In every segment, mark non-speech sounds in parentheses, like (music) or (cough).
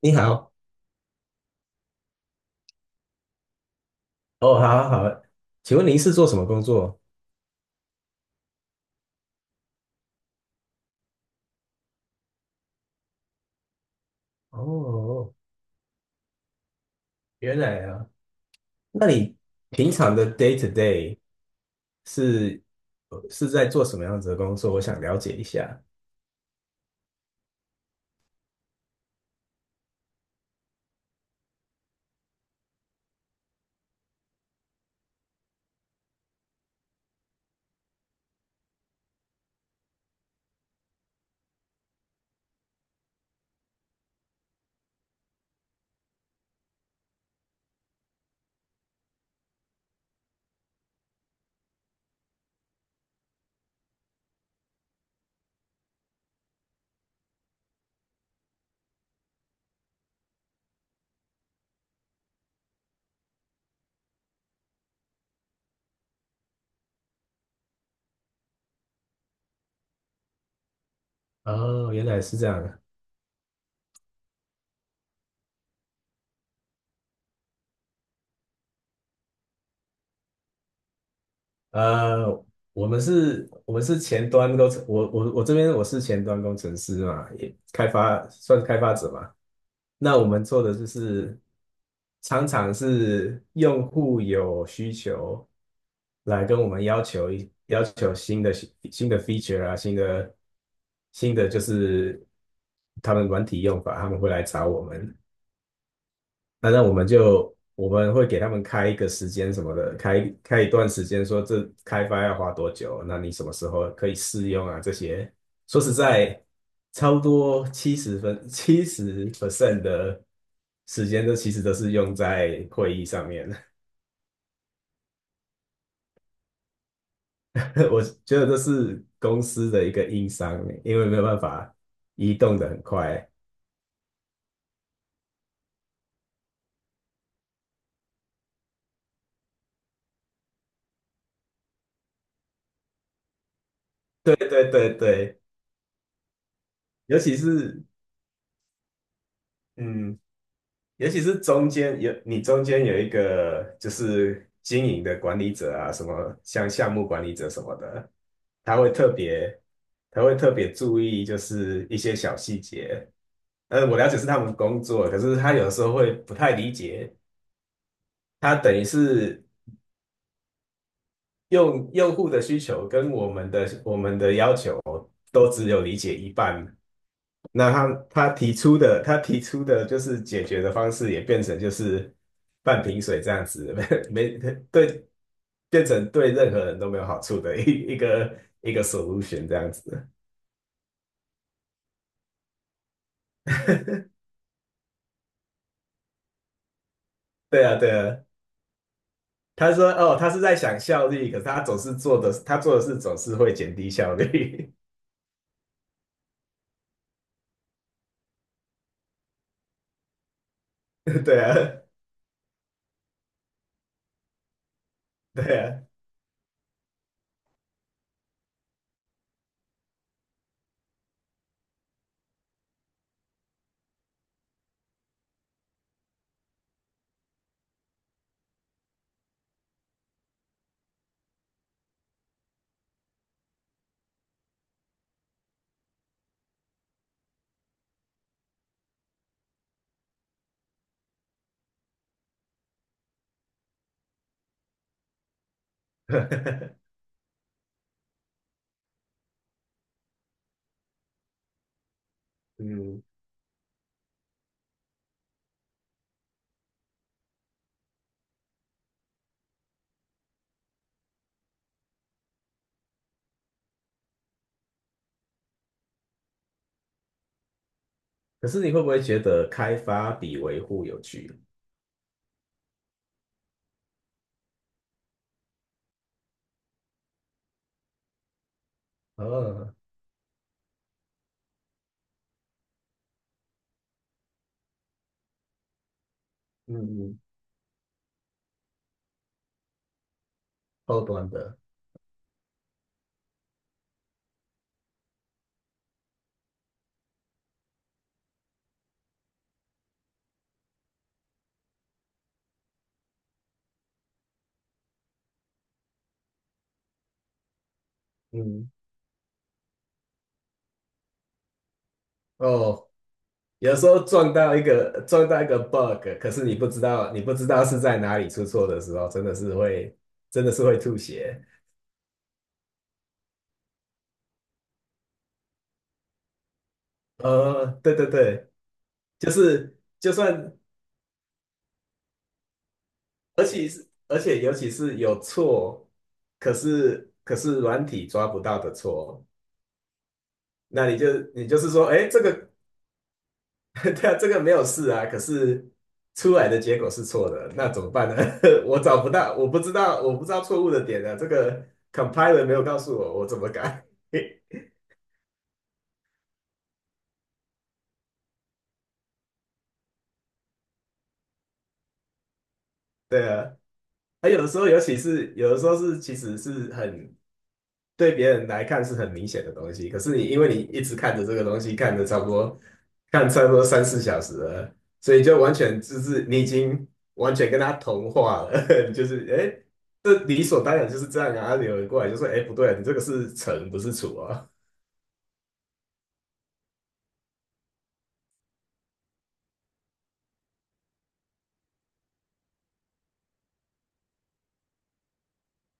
你好，哦，好好好，请问您是做什么工作？哦，原来啊，那你平常的 day to day 是是在做什么样子的工作？我想了解一下。哦，原来是这样。呃，我们是前端工程，我这边我是前端工程师嘛，也开发算是开发者嘛。那我们做的就是常常是用户有需求来跟我们要求新的 feature 啊，新的就是他们软体用法，他们会来找我们。那我们会给他们开一个时间什么的，开一段时间，说这开发要花多久，那你什么时候可以试用啊？这些说实在，超多70% 的时间，都其实都是用在会议上面。(laughs) 我觉得这是公司的一个硬伤，因为没有办法移动的很快。对对对对，尤其是嗯，尤其是中间有一个就是经营的管理者啊，什么像项目管理者什么的，他会特别他会特别注意就是一些小细节。我了解是他们工作，可是他有的时候会不太理解，他等于是用户的需求跟我们的要求都只有理解一半，那他提出的就是解决的方式也变成就是半瓶水这样子，(laughs) 没没对，变成对任何人都没有好处的一个 solution 这样子。对啊，对啊。他说：“哦，他是在想效率，可是他总是做的，他做的事总是会减低效率。(laughs)”对啊，对啊。(laughs) 嗯，可是你会不会觉得开发比维护有趣？哦，嗯，后端的，嗯，哦，有时候撞到一个 bug，可是你不知道是在哪里出错的时候，真的是会吐血。对对对，就是就算，而且尤其是有错，可是软体抓不到的错，那你就是说，哎，这个 (laughs) 对啊，这个没有事啊，可是出来的结果是错的，那怎么办呢？(laughs) 我找不到，我不知道错误的点啊，这个 compiler 没有告诉我，我怎么改？(laughs) 对啊，还有的时候，尤其是有的时候其实是对别人来看是很明显的东西，可是你因为你一直看着这个东西，看差不多三四小时了，所以就完全就是你已经完全跟他同化了，(laughs) 就是哎，这理所当然就是这样啊。有人过来就说，哎，不对啊，你这个是乘不是除啊。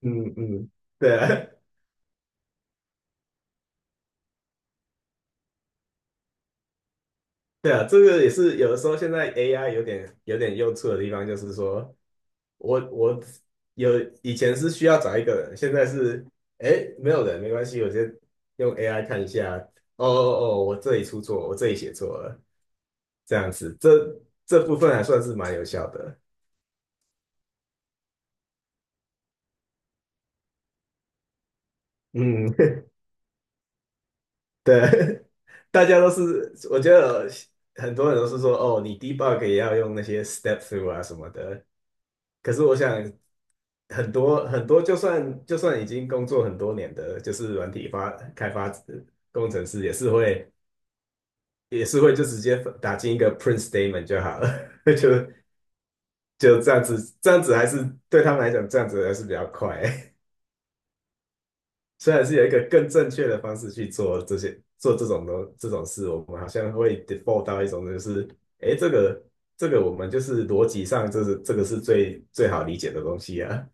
嗯嗯，对啊，(laughs) 对啊，这个也是有的时候现在 AI 有点用处的地方，就是说。我以前是需要找一个人，现在是哎没有人没关系，我先用 AI 看一下。哦哦哦，我这里出错，我这里写错了，这样子，这部分还算是蛮有效的。嗯，(laughs) 对，(laughs) 大家都是，我觉得很多人都是说哦，你 debug 也要用那些 step through 啊什么的。可是我想很多很多，就算已经工作很多年的，就是软体开发工程师也是会。也是会就直接打进一个 print statement 就好了，(laughs) 就就这样子，这样子还是对他们来讲，这样子还是比较快。(laughs) 虽然是有一个更正确的方式去做这种事，我们好像会 default 到一种就是，哎，这个我们就是逻辑上这个是最好理解的东西啊。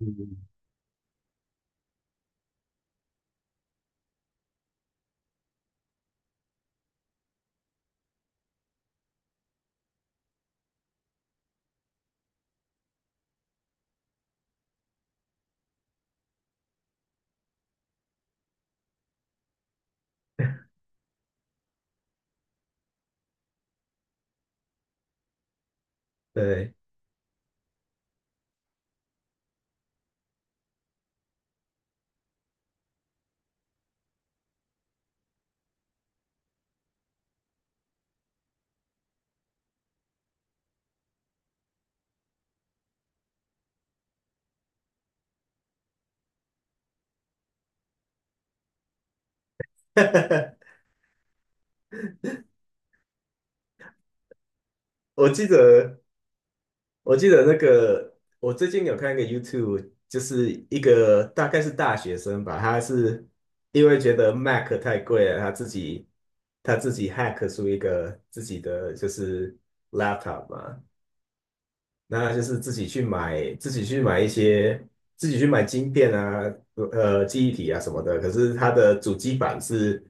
嗯，对，(laughs) 我记得我记得那个，我最近有看一个 YouTube，就是一个大概是大学生吧，他是因为觉得 Mac 太贵了，他自己 hack 出一个自己的就是 laptop 嘛，那就是自己去买晶片啊，记忆体啊什么的，可是他的主机板是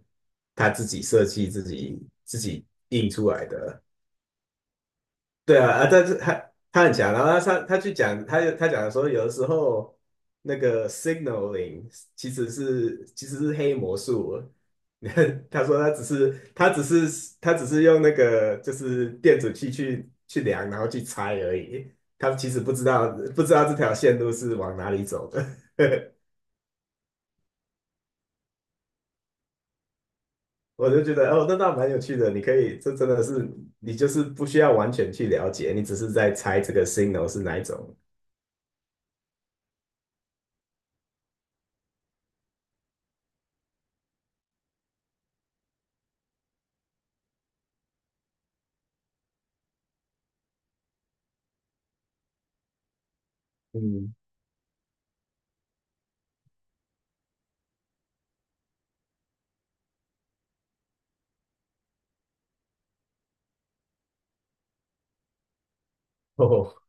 他自己设计自己印出来的。对啊，啊，但是他很强，然后他去讲，他讲说，有的时候那个 signaling 其实是黑魔术。(laughs) 他说他只是用那个就是电子器去量，然后去猜而已。他其实不知道这条线路是往哪里走的。(laughs) 我就觉得哦，那倒蛮有趣的。你可以，这真的是你就是不需要完全去了解，你只是在猜这个 signal 是哪一种。嗯，(laughs) 哦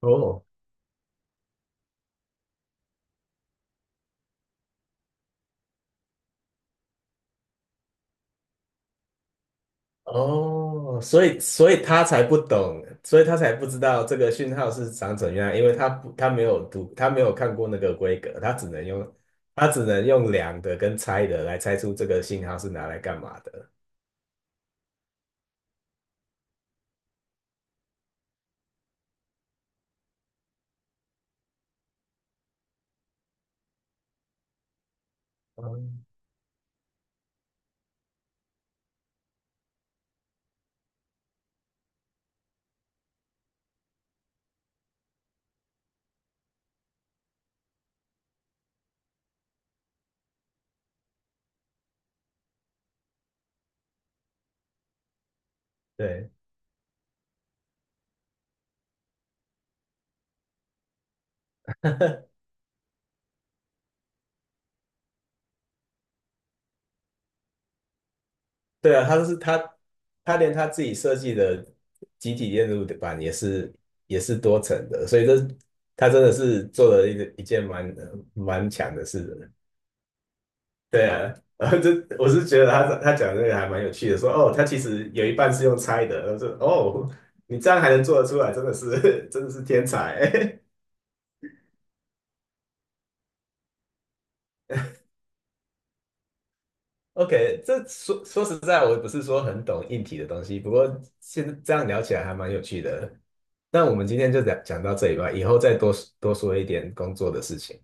哦，哦，所以他才不懂，所以他才不知道这个讯号是长怎样，因为他没有读，他没有看过那个规格，他只能用量的跟猜的来猜出这个信号是拿来干嘛的。嗯，对对啊，他连他自己设计的集体电路板也是多层的，所以他真的是做了一件蛮强的事。对啊，(laughs) 然后我是觉得他讲这个还蛮有趣的，说哦，他其实有一半是用猜的，他说哦，你这样还能做得出来，真的是 (laughs) 真的是天才。(laughs) OK，说实在，我也不是说很懂硬体的东西，不过现在这样聊起来还蛮有趣的。那我们今天就讲到这里吧，以后再多多说一点工作的事情。